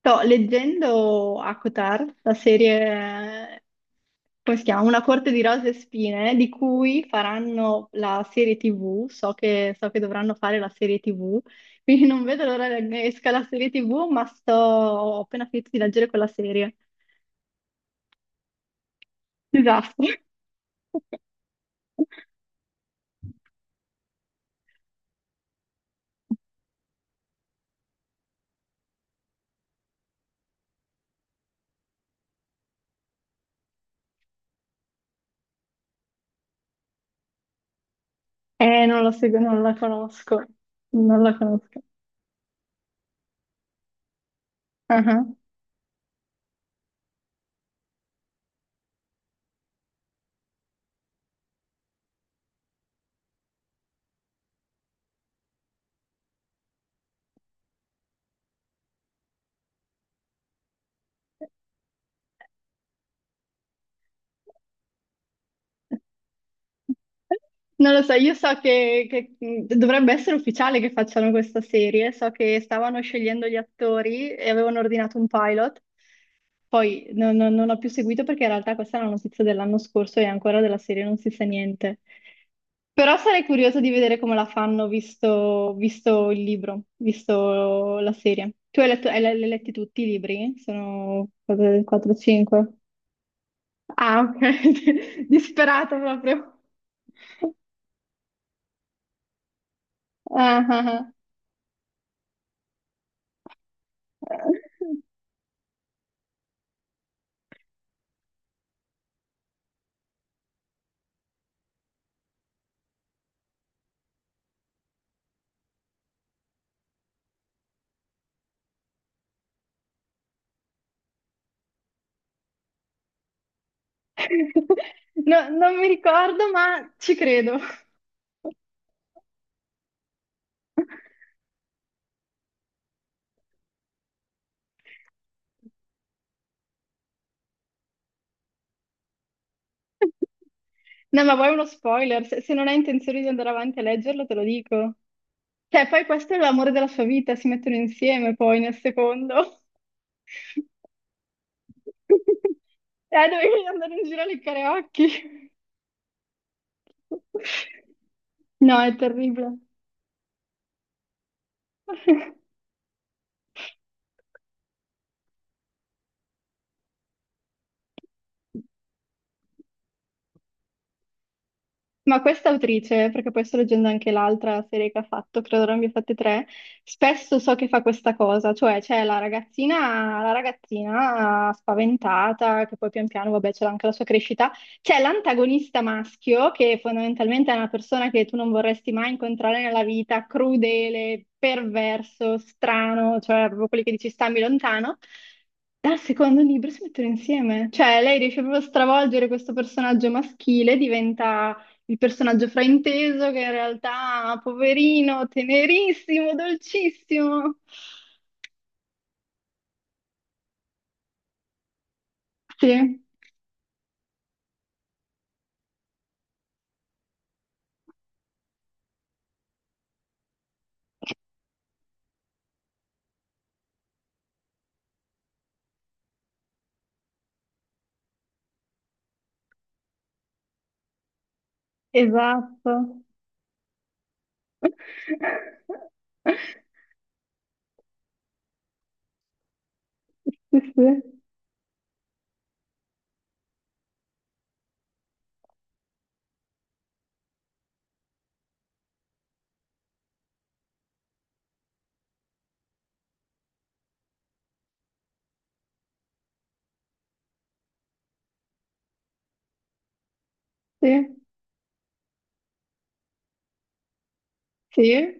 Sto leggendo Acotar, la serie, come si chiama? Una corte di rose e spine, di cui faranno la serie TV. So che dovranno fare la serie TV, quindi non vedo l'ora che esca la serie TV, ma ho appena finito di leggere quella serie. Disastro. Non la seguo, non la conosco. Non la conosco. Ah ah. Non lo so, io so che dovrebbe essere ufficiale che facciano questa serie, so che stavano scegliendo gli attori e avevano ordinato un pilot, poi non ho più seguito perché in realtà questa è una notizia dell'anno scorso e ancora della serie non si sa niente. Però sarei curiosa di vedere come la fanno visto il libro, visto la serie. Tu hai letto, li hai letti tutti i libri? Sono 4-5. Ah, ok, disperata proprio. Ah, ah, ah. No, non mi ricordo, ma ci credo. No, ma vuoi uno spoiler? Se non hai intenzione di andare avanti a leggerlo, te lo dico. Cioè, poi questo è l'amore della sua vita, si mettono insieme poi nel secondo. Dovevi andare in giro a leccare occhi. No, è terribile. Ma questa autrice, perché poi sto leggendo anche l'altra serie che ha fatto, credo ne abbia fatte tre, spesso so che fa questa cosa, cioè c'è la ragazzina spaventata, che poi pian piano, vabbè, c'è anche la sua crescita, c'è l'antagonista maschio, che fondamentalmente è una persona che tu non vorresti mai incontrare nella vita, crudele, perverso, strano, cioè proprio quelli che dici stammi lontano. Dal secondo libro si mettono insieme, cioè lei riesce proprio a stravolgere questo personaggio maschile, diventa il personaggio frainteso che in realtà, poverino, tenerissimo, dolcissimo. Sì, esatto. Sì, sì, sì,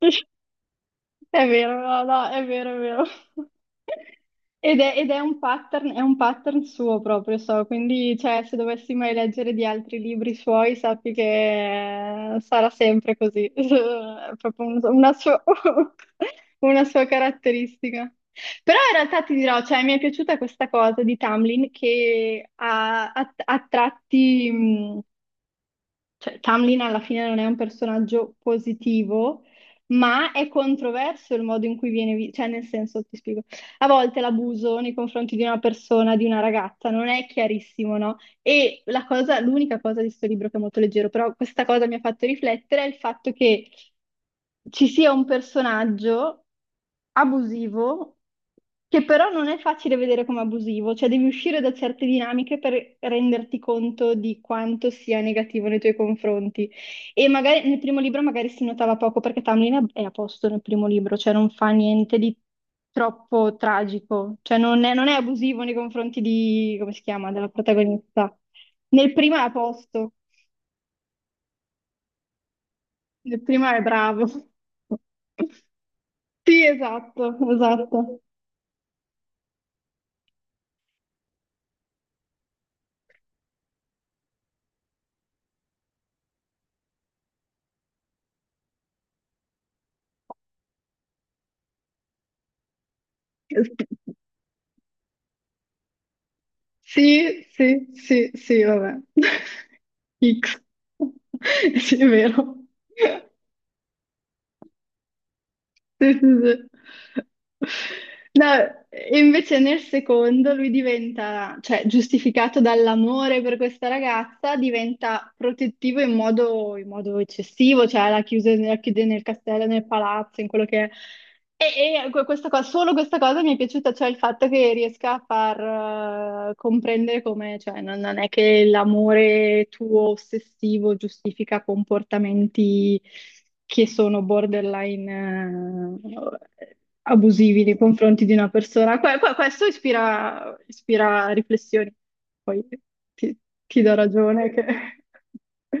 sì. È vero, no, no, è vero, è vero. Ed è un pattern, è un pattern suo proprio, so, quindi cioè, se dovessi mai leggere di altri libri suoi, sappi che sarà sempre così, è proprio una sua, una sua caratteristica. Però in realtà ti dirò, cioè, mi è piaciuta questa cosa di Tamlin che ha tratti, cioè, Tamlin alla fine non è un personaggio positivo, ma è controverso il modo in cui viene visto, cioè nel senso, ti spiego, a volte l'abuso nei confronti di una persona, di una ragazza, non è chiarissimo, no? E l'unica cosa di questo libro che è molto leggero, però questa cosa mi ha fatto riflettere, è il fatto che ci sia un personaggio abusivo, che però non è facile vedere come abusivo, cioè devi uscire da certe dinamiche per renderti conto di quanto sia negativo nei tuoi confronti. E magari nel primo libro magari si notava poco perché Tamlin è a posto nel primo libro, cioè non fa niente di troppo tragico, cioè non è abusivo nei confronti di, come si chiama, della protagonista. Nel primo è a posto, nel primo è bravo. Sì, esatto, esatto. Sì, sì, sì, sì, vabbè. X. Sì, è vero. Sì, sì, sì. No, e invece nel secondo lui diventa, cioè giustificato dall'amore per questa ragazza, diventa protettivo in modo eccessivo, cioè la chiude nel castello, nel palazzo, in quello che è. E questa cosa, solo questa cosa mi è piaciuta, cioè il fatto che riesca a far comprendere come, cioè, non è che l'amore tuo ossessivo giustifica comportamenti che sono borderline eh, abusivi nei confronti di una persona. Questo ispira riflessioni. Poi ti, ti do ragione che...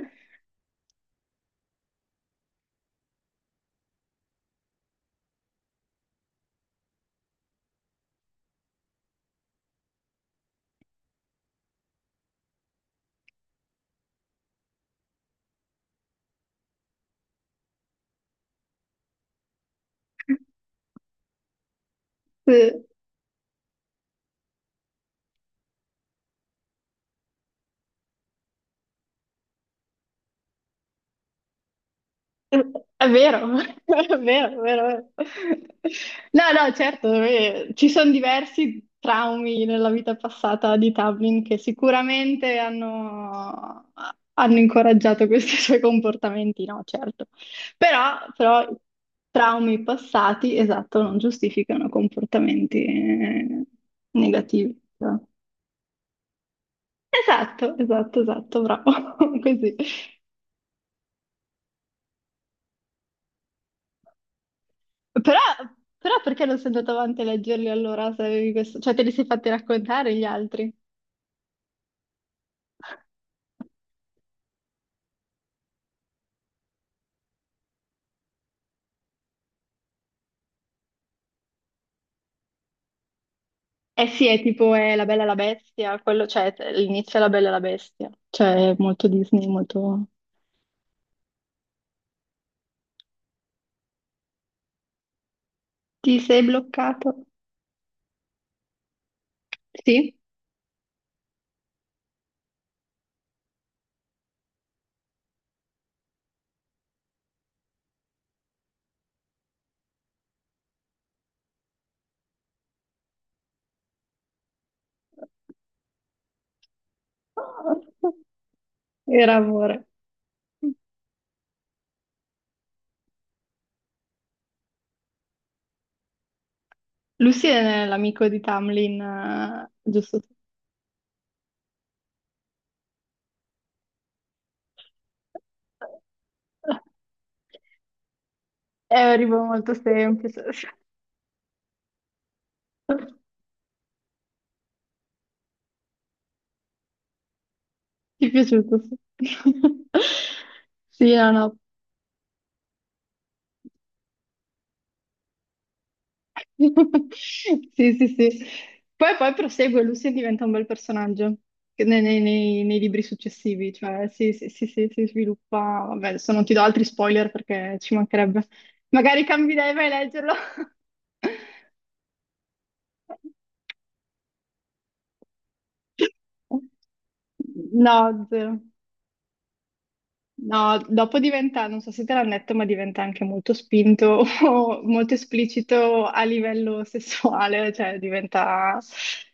se- È vero, è vero, è vero. È vero. No, no, certo, ci sono diversi traumi nella vita passata di Tubman che sicuramente hanno incoraggiato questi suoi comportamenti, no, certo. Però traumi passati, esatto, non giustificano comportamenti negativi. Esatto, esatto, esatto, bravo, così. Però, però perché non sei andato avanti a leggerli allora se avevi questo? Cioè te li sei fatti raccontare gli altri? Eh sì, è tipo è La Bella e la Bestia, quello, cioè l'inizio è La Bella e la Bestia, cioè è molto Disney, molto... Ti sei bloccato? Sì? Era amore. Lucy è l'amico di Tamlin, giusto? È un libro molto semplice. Ti è piaciuto? Sì, Sì, era una- Sì, sì, sì. Poi prosegue, Lucy diventa un bel personaggio che nei libri successivi, cioè sì, sì, sì, sì, si sviluppa. Vabbè, adesso non ti do altri spoiler perché ci mancherebbe. Magari cambi idea e vai a leggerlo. No, zero. No, dopo diventa, non so se te l'hanno detto, ma diventa anche molto spinto o molto esplicito a livello sessuale, cioè diventa...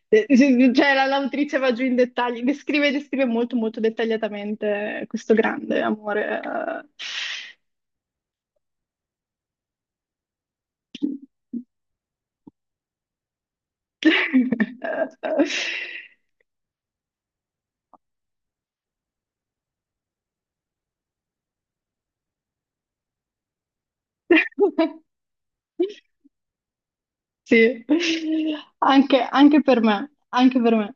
eh, Cioè l'autrice va giù in dettagli, descrive molto molto dettagliatamente questo grande amore. eh. Sì, anche per me, anche per me.